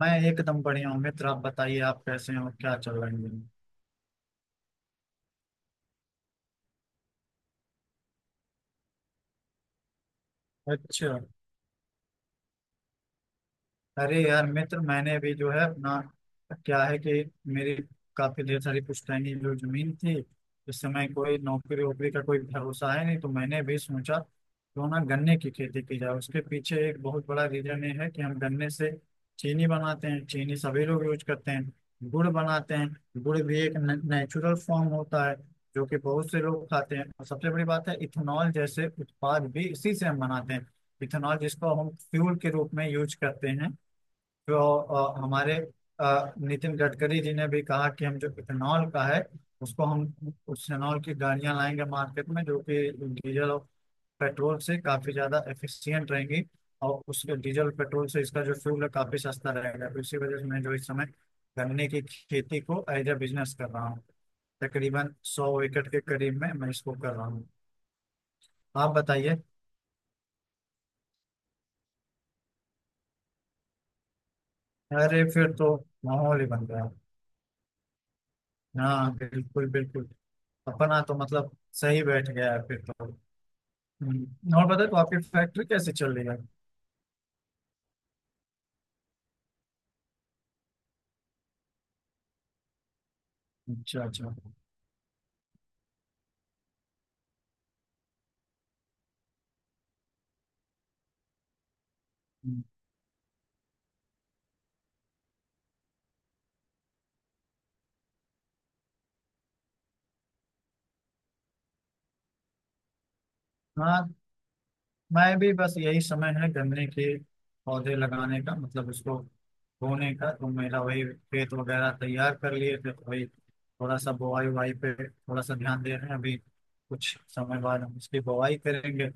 मैं एकदम बढ़िया हूँ, मित्र। आप बताइए, आप कैसे हो? क्या चल रहा है इन दिनों? अच्छा। अरे यार मित्र, मैंने भी जो है अपना, क्या है कि, मेरी काफी ढेर सारी पुश्तैनी जो जमीन थी, इस समय कोई नौकरी वोकरी का कोई भरोसा है नहीं, तो मैंने भी सोचा क्यों ना गन्ने की खेती की जाए। उसके पीछे एक बहुत बड़ा रीजन ये है कि हम गन्ने से चीनी बनाते हैं, चीनी सभी लोग यूज करते हैं। गुड़ बनाते हैं, गुड़ भी एक नेचुरल फॉर्म होता है जो कि बहुत से लोग खाते हैं। और सबसे बड़ी बात है, इथेनॉल जैसे उत्पाद भी इसी से हम बनाते हैं। इथेनॉल जिसको हम फ्यूल के रूप में यूज करते हैं। जो हमारे नितिन गडकरी जी ने भी कहा कि हम जो इथेनॉल का है, उसको हम, उस इथेनॉल की गाड़ियां लाएंगे मार्केट में जो कि डीजल और पेट्रोल से काफी ज्यादा एफिशिएंट रहेंगी। और उसके डीजल पेट्रोल से इसका जो फ्यूल है काफी सस्ता रहेगा। तो इसी वजह से मैं जो इस समय गन्ने की खेती को एज ए बिजनेस कर रहा हूँ। तकरीबन 100 एकड़ के करीब में मैं इसको कर रहा हूँ। आप बताइए। अरे फिर तो माहौल ही बन गया। हाँ, बिल्कुल बिल्कुल। अपना तो मतलब सही बैठ गया है फिर तो। और बता, तो आपकी फैक्ट्री कैसे चल रही है? अच्छा अच्छा। हम्म, हाँ, मैं भी बस यही समय है गन्ने के पौधे लगाने का, मतलब उसको बोने का। तो मेरा वही खेत वगैरह तैयार कर लिए थे, तो वही थोड़ा सा बुआई उवाई पे थोड़ा सा ध्यान दे रहे हैं अभी। कुछ समय बाद हम उसकी बुआई करेंगे।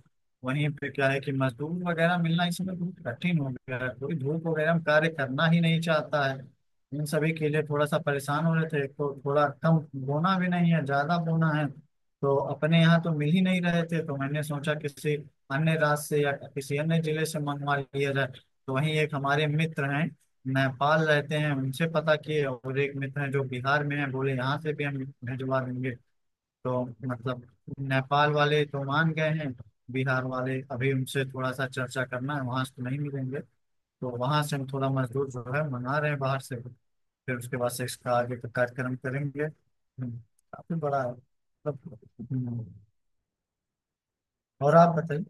वहीं पे क्या है कि मजदूर वगैरह मिलना इस समय बहुत कठिन हो गया है, कोई धूप वगैरह में कार्य करना ही नहीं चाहता है। इन सभी के लिए थोड़ा सा परेशान हो रहे थे। एक तो थोड़ा कम बोना भी नहीं है, ज्यादा बोना है। तो अपने यहाँ तो मिल ही नहीं रहे थे, तो मैंने सोचा किसी अन्य राज्य से या किसी अन्य जिले से मंगवा लिया जाए। तो वहीं एक हमारे मित्र हैं, नेपाल रहते हैं, उनसे पता किए। और एक मित्र हैं जो बिहार में हैं, बोले यहाँ से भी हम भिजवा देंगे। तो मतलब नेपाल वाले तो मान गए हैं। बिहार वाले अभी उनसे थोड़ा सा चर्चा करना है, वहां से तो नहीं मिलेंगे। तो वहां से हम थोड़ा मजदूर जो है मंगा रहे हैं बाहर से। फिर उसके बाद से इसका आगे का कार्यक्रम करेंगे। काफी बड़ा है, मतलब। हम्म, और आप बताइए।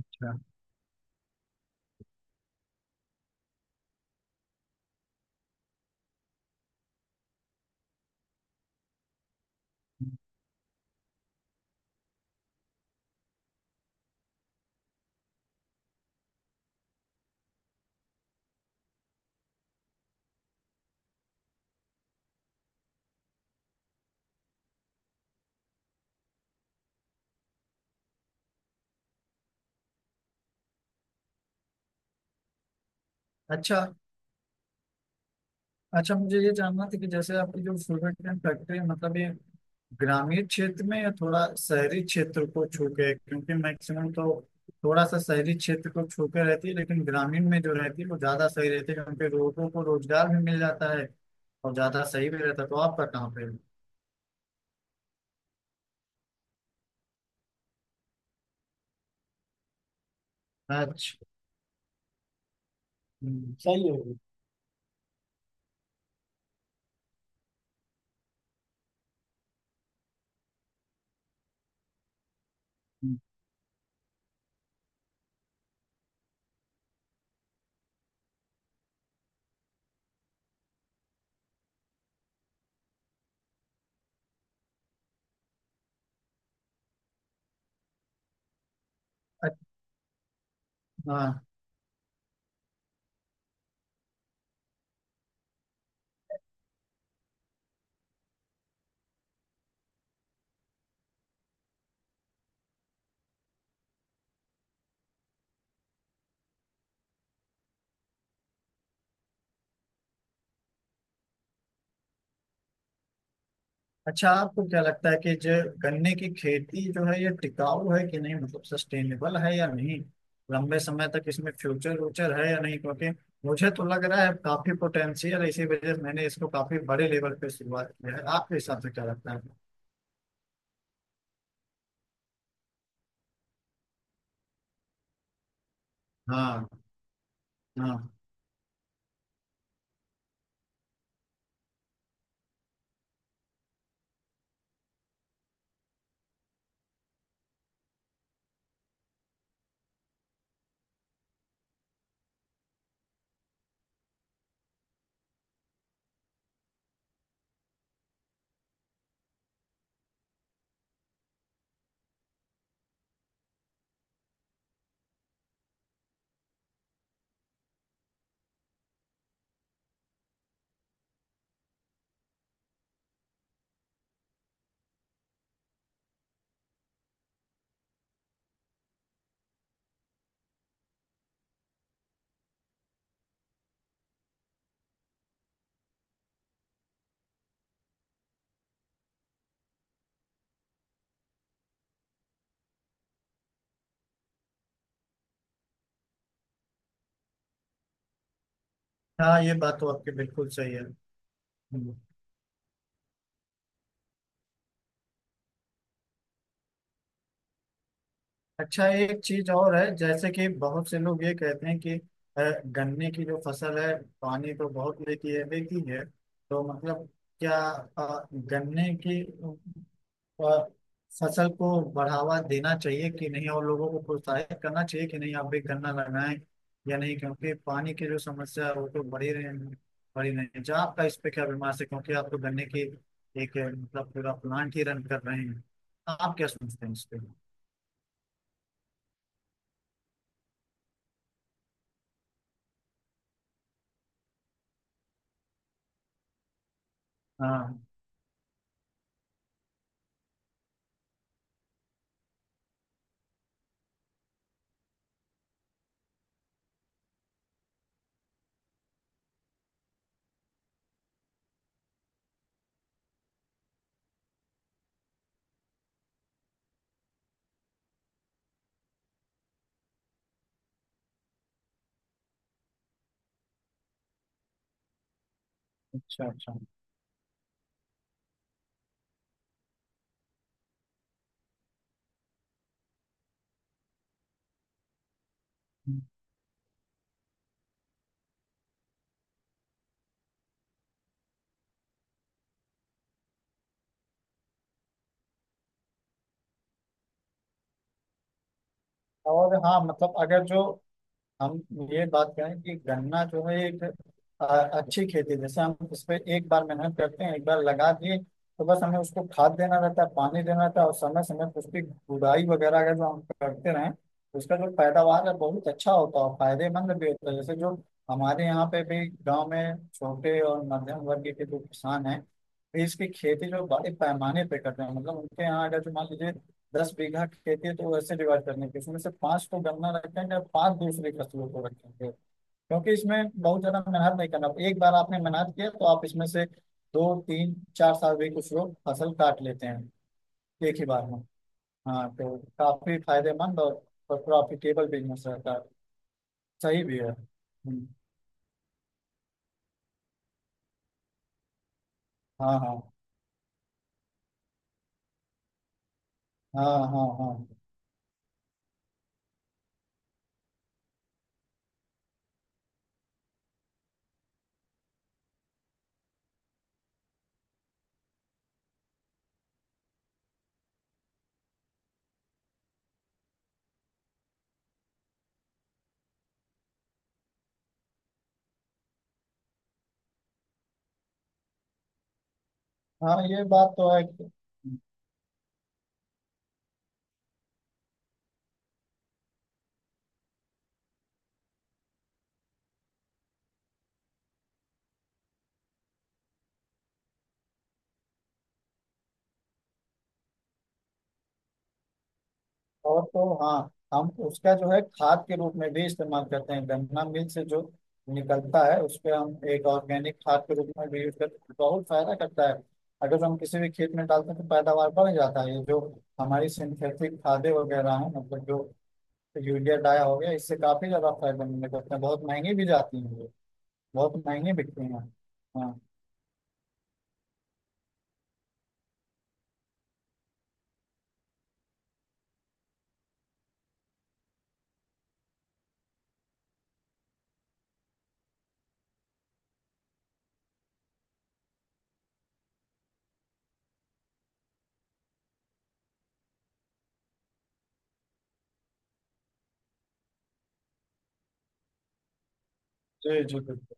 अच्छा अच्छा। अच्छा, मुझे ये जानना था कि जैसे आपकी जो शुगर केन फैक्ट्री है, मतलब ये ग्रामीण क्षेत्र में या थोड़ा शहरी क्षेत्र को छू के है? क्योंकि मैक्सिमम तो थोड़ा सा शहरी क्षेत्र को छू के रहती है, लेकिन ग्रामीण में जो रहती है वो ज्यादा सही रहती है क्योंकि लोगों को रोजगार भी मिल जाता है और ज्यादा सही भी रहता है। तो आपका कहाँ पे है? अच्छा। सही है। हम्म। अच्छा। हाँ। अच्छा, आपको क्या लगता है कि जो गन्ने की खेती जो है ये टिकाऊ है कि नहीं, मतलब सस्टेनेबल है या नहीं, लंबे समय तक इसमें फ्यूचर व्यूचर है या नहीं? क्योंकि मुझे तो लग रहा है काफी पोटेंशियल है, इसी वजह से मैंने इसको काफी बड़े लेवल पे शुरुआत किया है। आपके हिसाब से क्या लगता है? हाँ। हाँ। हाँ, ये बात तो आपकी बिल्कुल सही है। हम्म। अच्छा, एक चीज और है, जैसे कि बहुत से लोग ये कहते हैं कि गन्ने की जो फसल है पानी तो बहुत लेती है, लेती है। तो मतलब क्या गन्ने की अ, फसल को बढ़ावा देना चाहिए कि नहीं, और लोगों को प्रोत्साहित करना चाहिए कि नहीं आप भी गन्ना लगाएं या नहीं? क्योंकि पानी की जो समस्या है वो तो बढ़ी रही, बढ़ी नहीं है। जहाँ आपका इस पे क्या विमर्श है, क्योंकि आप तो गन्ने की एक, मतलब पूरा प्लांट ही रन कर रहे हैं। आप क्या सोचते हैं इस पे? हाँ। अच्छा अच्छा। और हाँ, मतलब अगर जो हम ये बात करें कि गन्ना जो है एक अच्छी खेती है। जैसे हम उस पे एक बार मेहनत करते हैं, एक बार लगा दिए तो बस हमें उसको खाद देना रहता है, पानी देना रहता है और समय समय पर उसकी गुड़ाई वगैरह अगर जो हम करते रहें तो उसका जो पैदावार है बहुत अच्छा होता है और फायदेमंद भी होता है। जैसे जो हमारे यहाँ पे भी गाँव में छोटे और मध्यम वर्ग के जो किसान हैं, इसकी खेती जो बड़े पैमाने पे करते हैं, मतलब उनके यहाँ अगर जो मान लीजिए 10 बीघा खेती है तो वैसे डिवाइड करने की उसमें से 5 को गन्ना रखेंगे और 5 दूसरी फसलों को रखेंगे। क्योंकि इसमें बहुत ज्यादा मेहनत नहीं करना, एक बार आपने मेहनत किया तो आप इसमें से दो तीन चार साल भी कुछ लोग फसल काट लेते हैं एक ही बार में। हाँ, तो काफी फायदेमंद और प्रॉफिटेबल बिजनेस रहता है। सही भी है। हाँ हाँ हाँ हाँ हाँ हाँ, ये बात तो है। और तो हाँ, हम उसका जो है खाद के रूप में भी इस्तेमाल करते हैं। गन्ना मिल से जो निकलता है उस पे हम एक ऑर्गेनिक खाद के रूप में भी यूज करते हैं, बहुत फायदा करता है। अगर जो हम किसी भी खेत में डालते हैं तो पैदावार बढ़ जाता है। ये जो हमारी सिंथेटिक खादें वगैरह हैं, मतलब जो यूरिया डाया हो गया, इससे काफी ज्यादा फायदा मिलने करते हैं। बहुत महंगी भी जाती हैं ये, बहुत महंगी बिकती हैं। हाँ। जी जी, बिल्कुल।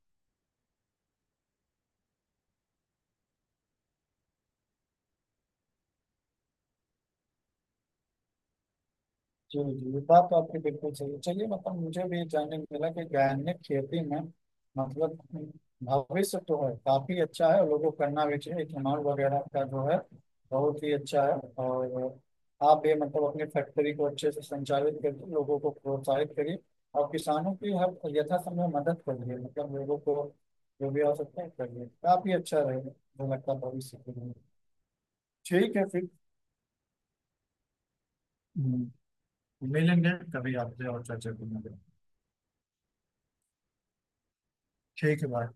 जी जी, ये बात तो आपकी बिल्कुल सही है। चलिए, मतलब मुझे भी जानने को मिला कि गायनिक खेती में, मतलब भविष्य तो है, काफी अच्छा है और लोगों को करना भी चाहिए। इथेनॉल वगैरह का जो है बहुत ही अच्छा है। और आप भी मतलब अपनी फैक्ट्री को अच्छे से संचालित करके लोगों को प्रोत्साहित करिए और किसानों की हर यथासंभव मदद करिए, मतलब लोगों को जो भी आवश्यकता है करिए। काफी अच्छा रहेगा मुझे लगता है भविष्य के लिए। ठीक है फिर। हम्म, मिलेंगे कभी आपसे और चर्चा करेंगे। ठीक है, बाय।